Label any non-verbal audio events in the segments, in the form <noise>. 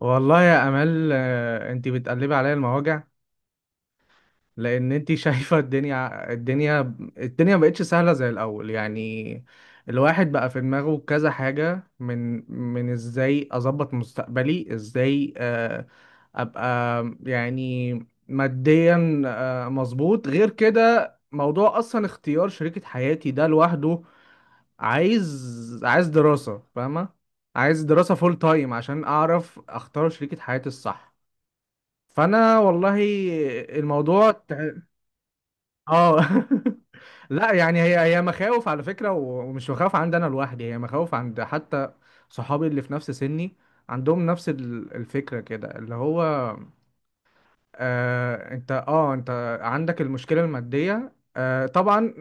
والله يا امال، انت بتقلبي عليا المواجع لان انت <laughs> شايفه الدنيا. الدنيا مبقتش سهله زي الاول. يعني الواحد بقى في دماغه كذا حاجه، من ازاي اظبط مستقبلي، ازاي ابقى يعني ماديا مظبوط. غير كده موضوع اصلا اختيار شريكه حياتي ده لوحده، عايز دراسه، فاهمه؟ عايز دراسه فول تايم عشان اعرف اختار شريكه حياتي الصح. فانا والله الموضوع اه. <laughs> لا يعني هي مخاوف على فكره، ومش مخاوف عندي انا لوحدي، هي مخاوف عند حتى صحابي اللي في نفس سني، عندهم نفس الفكره كده، اللي هو انت عندك المشكله الماديه. طبعا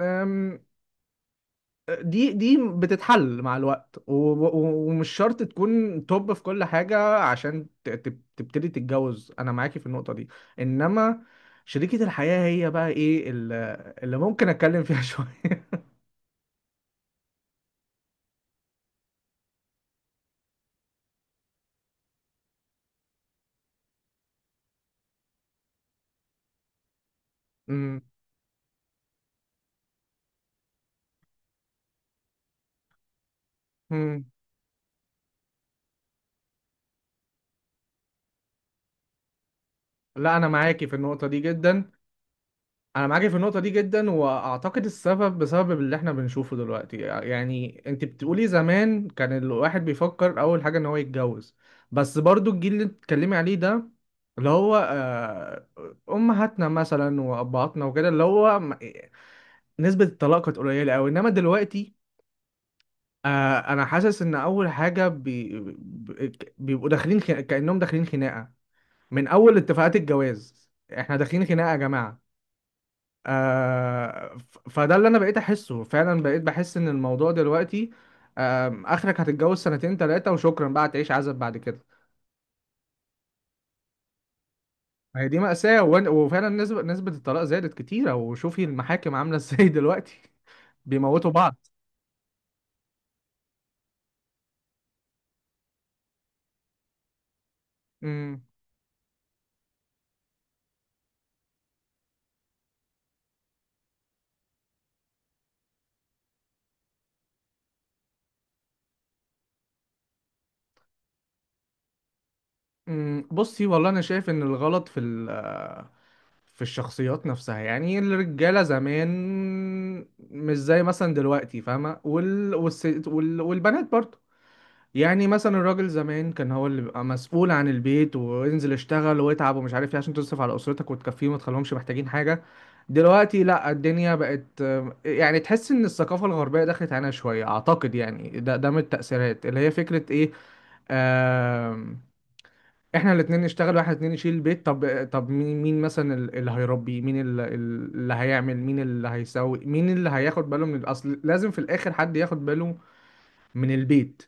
دي بتتحل مع الوقت، ومش شرط تكون توب في كل حاجة عشان تبتدي تتجوز، أنا معاكي في النقطة دي. إنما شريكة الحياة هي بقى إيه، اللي ممكن أتكلم فيها <laughs> شوية. أمم. أمم. لا أنا معاكي في النقطة دي جدا. انا معاكي في النقطه دي جدا، واعتقد السبب بسبب اللي احنا بنشوفه دلوقتي. يعني انت بتقولي زمان كان الواحد بيفكر اول حاجه ان هو يتجوز، بس برضو الجيل اللي بتتكلمي عليه ده، اللي هو امهاتنا مثلا وابهاتنا وكده، اللي هو نسبه الطلاق كانت قليله قوي. انما دلوقتي انا حاسس ان اول حاجه بيبقوا داخلين كانهم داخلين خناقه من اول اتفاقات الجواز. احنا داخلين خناقه يا جماعه. فده اللي انا بقيت احسه فعلا، بقيت بحس ان الموضوع دلوقتي اخرك هتتجوز سنتين ثلاثة وشكرا، بقى تعيش عزب بعد كده. ما هي دي مأساة، وفعلا نسبة الطلاق زادت كتيرة، وشوفي المحاكم عاملة ازاي دلوقتي. <laughs> بيموتوا بعض. امم. أمم. بصي والله انا شايف ان الغلط في في الشخصيات نفسها. يعني الرجالة زمان مش زي مثلا دلوقتي، فاهمة؟ والبنات برضه. يعني مثلا الراجل زمان كان هو اللي بيبقى مسؤول عن البيت، وينزل يشتغل ويتعب ومش عارف ايه، عشان تصرف على اسرتك وتكفيهم وتخليهمش محتاجين حاجه. دلوقتي لا، الدنيا بقت يعني تحس ان الثقافه الغربيه دخلت علينا شويه، اعتقد يعني ده من التاثيرات، اللي هي فكره ايه، آم، احنا الاتنين نشتغل واحنا الاتنين نشيل البيت. طب مين مثلا اللي هيربي، مين اللي هيعمل، مين اللي هيسوي، مين اللي هياخد باله من الاصل؟ لازم في الاخر حد ياخد باله من البيت.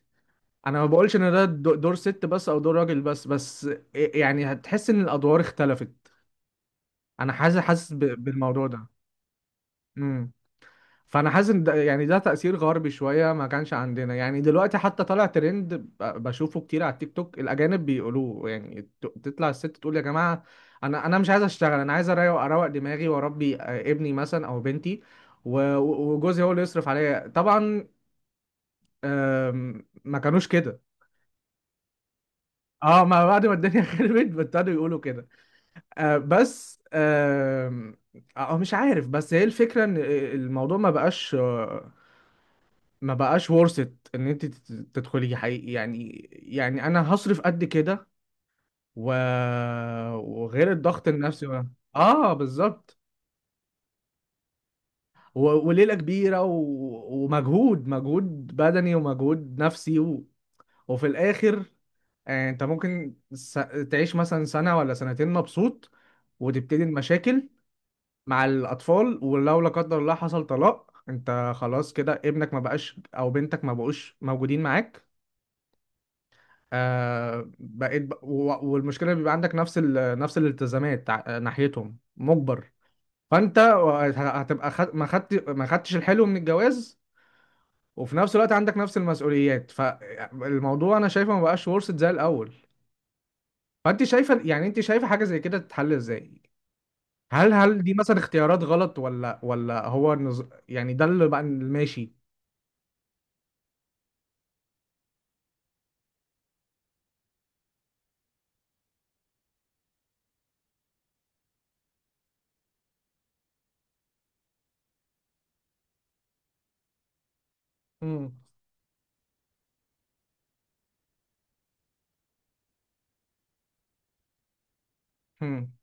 انا ما بقولش ان ده دور ست بس او دور راجل بس بس يعني هتحس ان الادوار اختلفت. انا حاسس بالموضوع ده. امم. فانا حاسس ان ده يعني ده تأثير غربي شوية، ما كانش عندنا. يعني دلوقتي حتى طالع ترند، بشوفه كتير على التيك توك، الاجانب بيقولوه. يعني تطلع الست تقول يا جماعة، انا مش عايز اشتغل، انا عايز اروق دماغي واربي ابني مثلا او بنتي، وجوزي هو اللي يصرف عليا طبعا. ما كانوش كده. اه، ما بعد ما الدنيا <laughs> خربت ابتدوا يقولوا كده. آه بس آه آه مش عارف، بس هي الفكرة ان الموضوع ما بقاش، ما بقاش worth it ان انت تدخلي حقيقي. يعني انا هصرف قد كده، و... وغير الضغط النفسي اه بالظبط، و... وليلة كبيرة ومجهود، بدني ومجهود نفسي، وفي الاخر انت ممكن تعيش مثلا سنة ولا سنتين مبسوط وتبتدي المشاكل مع الأطفال. ولو لا قدر الله حصل طلاق، أنت خلاص كده ابنك ما بقاش أو بنتك ما بقوش موجودين معاك. بقيت والمشكلة بيبقى عندك نفس نفس الالتزامات ناحيتهم مجبر. فأنت هتبقى خد... ما خدت ما خدتش الحلو من الجواز، وفي نفس الوقت عندك نفس المسؤوليات. فالموضوع أنا شايفه ما بقاش ورثة زي الأول. فأنت شايفة، يعني أنت شايفة حاجة زي كده تتحل إزاي؟ هل دي مثلا اختيارات غلط، ولا هو يعني ده اللي بقى ماشي؟ امم. امم.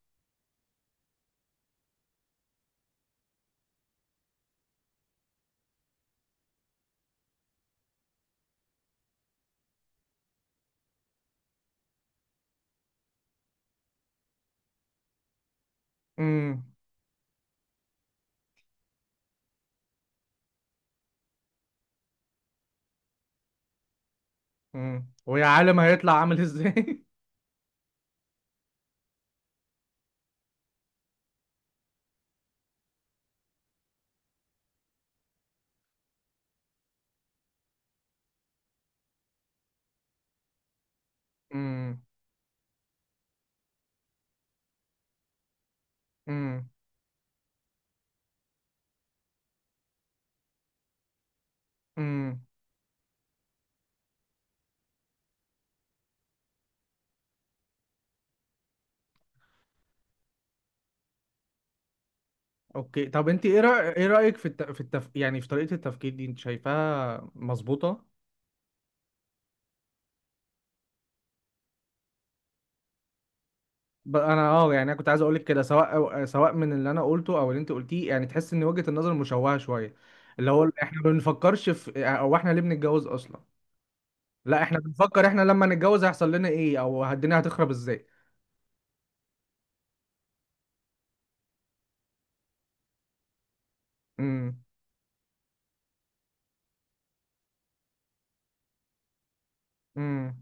امم. امم. ويا عالم هيطلع عامل ازاي. <laughs> امم. امم. امم. اوكي، طب انت ايه ايه رأيك في يعني في طريقة التفكير دي، انت شايفاها مظبوطة؟ انا اه، يعني انا كنت عايز اقول لك كده، سواء سواء من اللي انا قلته او اللي انت قلتيه، يعني تحس ان وجهة النظر مشوهة شوية، اللي هو احنا ما بنفكرش في او احنا ليه بنتجوز اصلا. لا احنا بنفكر احنا لما نتجوز هيحصل لنا ايه، او الدنيا هتخرب ازاي. امم. امم.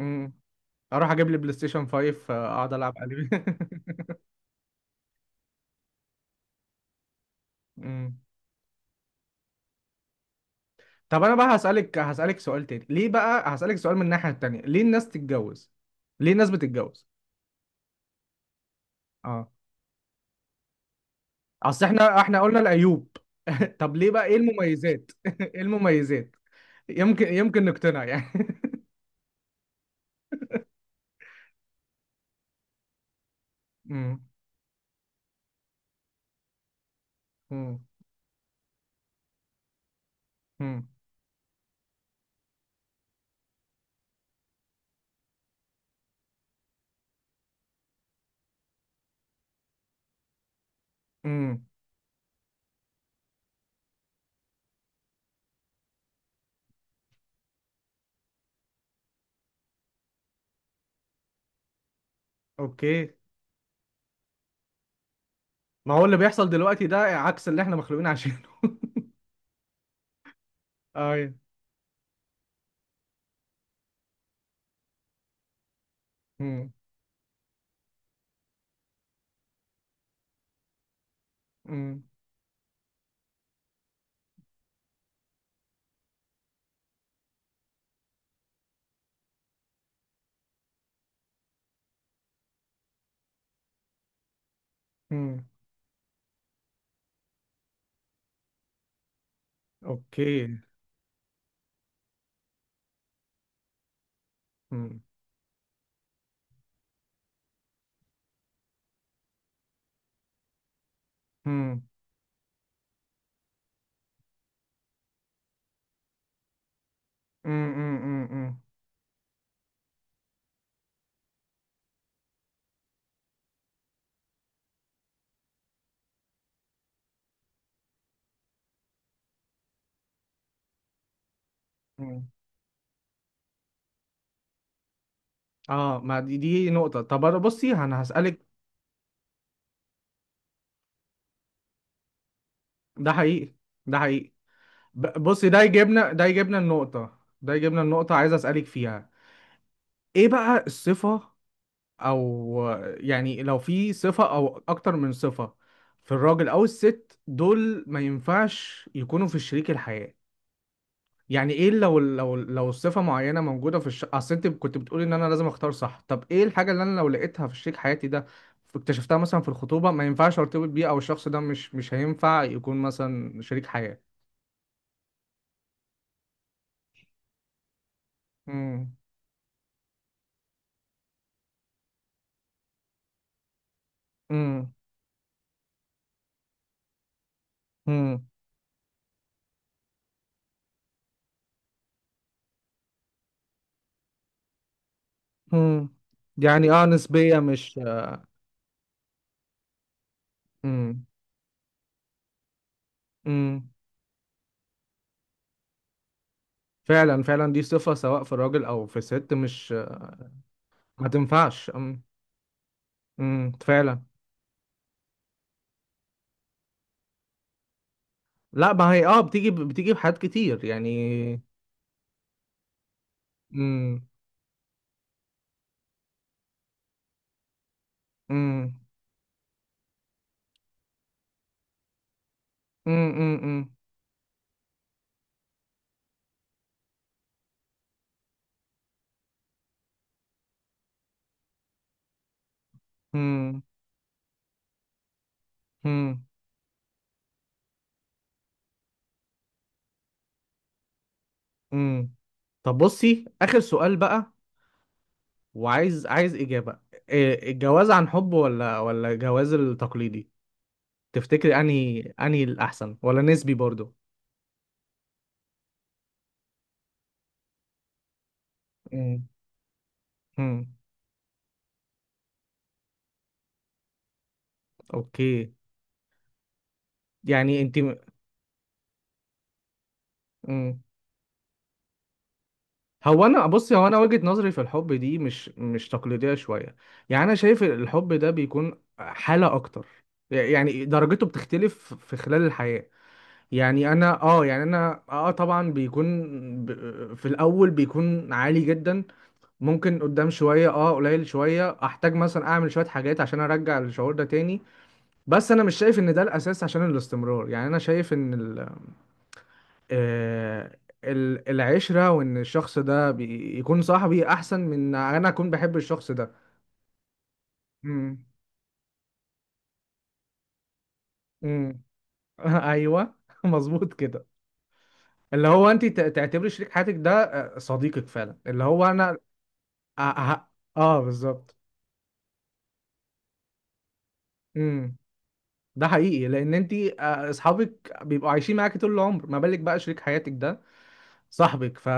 امم. اروح اجيب لي بلاي ستيشن 5، اقعد العب عليه. <laughs> أمم. طب انا بقى هسألك، سؤال تاني. ليه بقى؟ هسألك سؤال من الناحية التانية، ليه الناس تتجوز، ليه الناس بتتجوز؟ اه، اصل احنا قلنا العيوب. <laughs> طب ليه بقى، ايه المميزات؟ <laughs> ايه المميزات؟ يمكن نقتنع يعني. <laughs> أمم. أمم. أمم. أمم. اوكي. ما هو اللي بيحصل دلوقتي ده عكس اللي احنا مخلوقين عشانه. <laughs> اي اوكي. أمم. أمم. اوكي. أمم. أمم. أمم. أمم. مم. اه، ما دي نقطة. طب أنا بصي، هسألك. ده حقيقي، ده حقيقي. بصي ده يجيبنا، ده يجيبنا النقطة عايز أسألك فيها. ايه بقى الصفة او، يعني لو في صفة او اكتر من صفة في الراجل او الست دول، ما ينفعش يكونوا في شريك الحياة. يعني ايه لو صفة معينة موجودة في الشيك، اصل انت كنت بتقولي ان انا لازم اختار صح. طب ايه الحاجة اللي انا لو لقيتها في شريك حياتي ده، اكتشفتها مثلا في الخطوبة، ما ينفعش ارتبط بيه، او الشخص ده مش هينفع يكون مثلا شريك حياة؟ امم. امم. امم. امم. يعني اه، نسبية مش. امم. امم. فعلا، فعلا دي صفة سواء في الراجل او في الست، مش ما تنفعش. امم. امم. فعلا. لا ما هي اه، بتيجي بحاجات كتير يعني. امم. امم. امم. امم. امم. امم. امم. امم. طب بصي، آخر سؤال بقى، وعايز إجابة. إيه، الجواز عن حب ولا الجواز التقليدي، تفتكري أنهي الأحسن، ولا نسبي برضو؟ امم. امم. أوكي، يعني أنت. امم. هو أنا بصي، هو أنا وجهة نظري في الحب دي مش تقليدية شوية. يعني أنا شايف الحب ده بيكون حالة أكتر، يعني درجته بتختلف في خلال الحياة. يعني انا اه، يعني انا اه، طبعا بيكون في الاول بيكون عالي جدا. ممكن قدام شويه اه قليل شويه، احتاج مثلا اعمل شويه حاجات عشان ارجع الشعور ده تاني. بس انا مش شايف ان ده الاساس عشان الاستمرار. يعني انا شايف ان آه العشره، وان الشخص ده يكون صاحبي احسن من انا اكون بحب الشخص ده. امم. امم. <laughs> ايوه. <laughs> مظبوط كده. اللي هو انت تعتبري شريك حياتك ده صديقك فعلا، اللي هو انا اه. آه بالظبط. امم. ده حقيقي، لان انت اصحابك بيبقوا عايشين معاكي طول العمر، ما بالك بقى شريك حياتك ده صاحبك. ف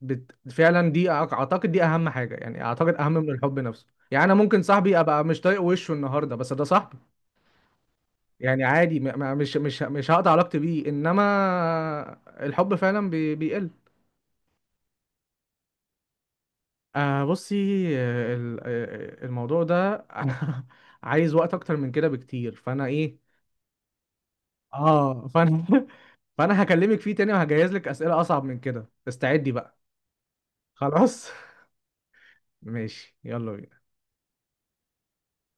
فعلا دي اعتقد دي اهم حاجه، يعني اعتقد اهم من الحب نفسه. يعني انا ممكن صاحبي ابقى مش طايق وشه النهارده، بس ده صاحبي، يعني عادي. مش هقطع علاقتي بيه. انما الحب فعلا بيقل. آه بصي، آه، ال- آه، الموضوع ده، <laughs> انا عايز وقت اكتر من كده بكتير، فانا ايه، اه فانا. <laughs> فانا هكلمك فيه تاني وهجهز لك اسئله اصعب من كده، استعدي بقى. خلاص. <laughs> ماشي، يلا بينا.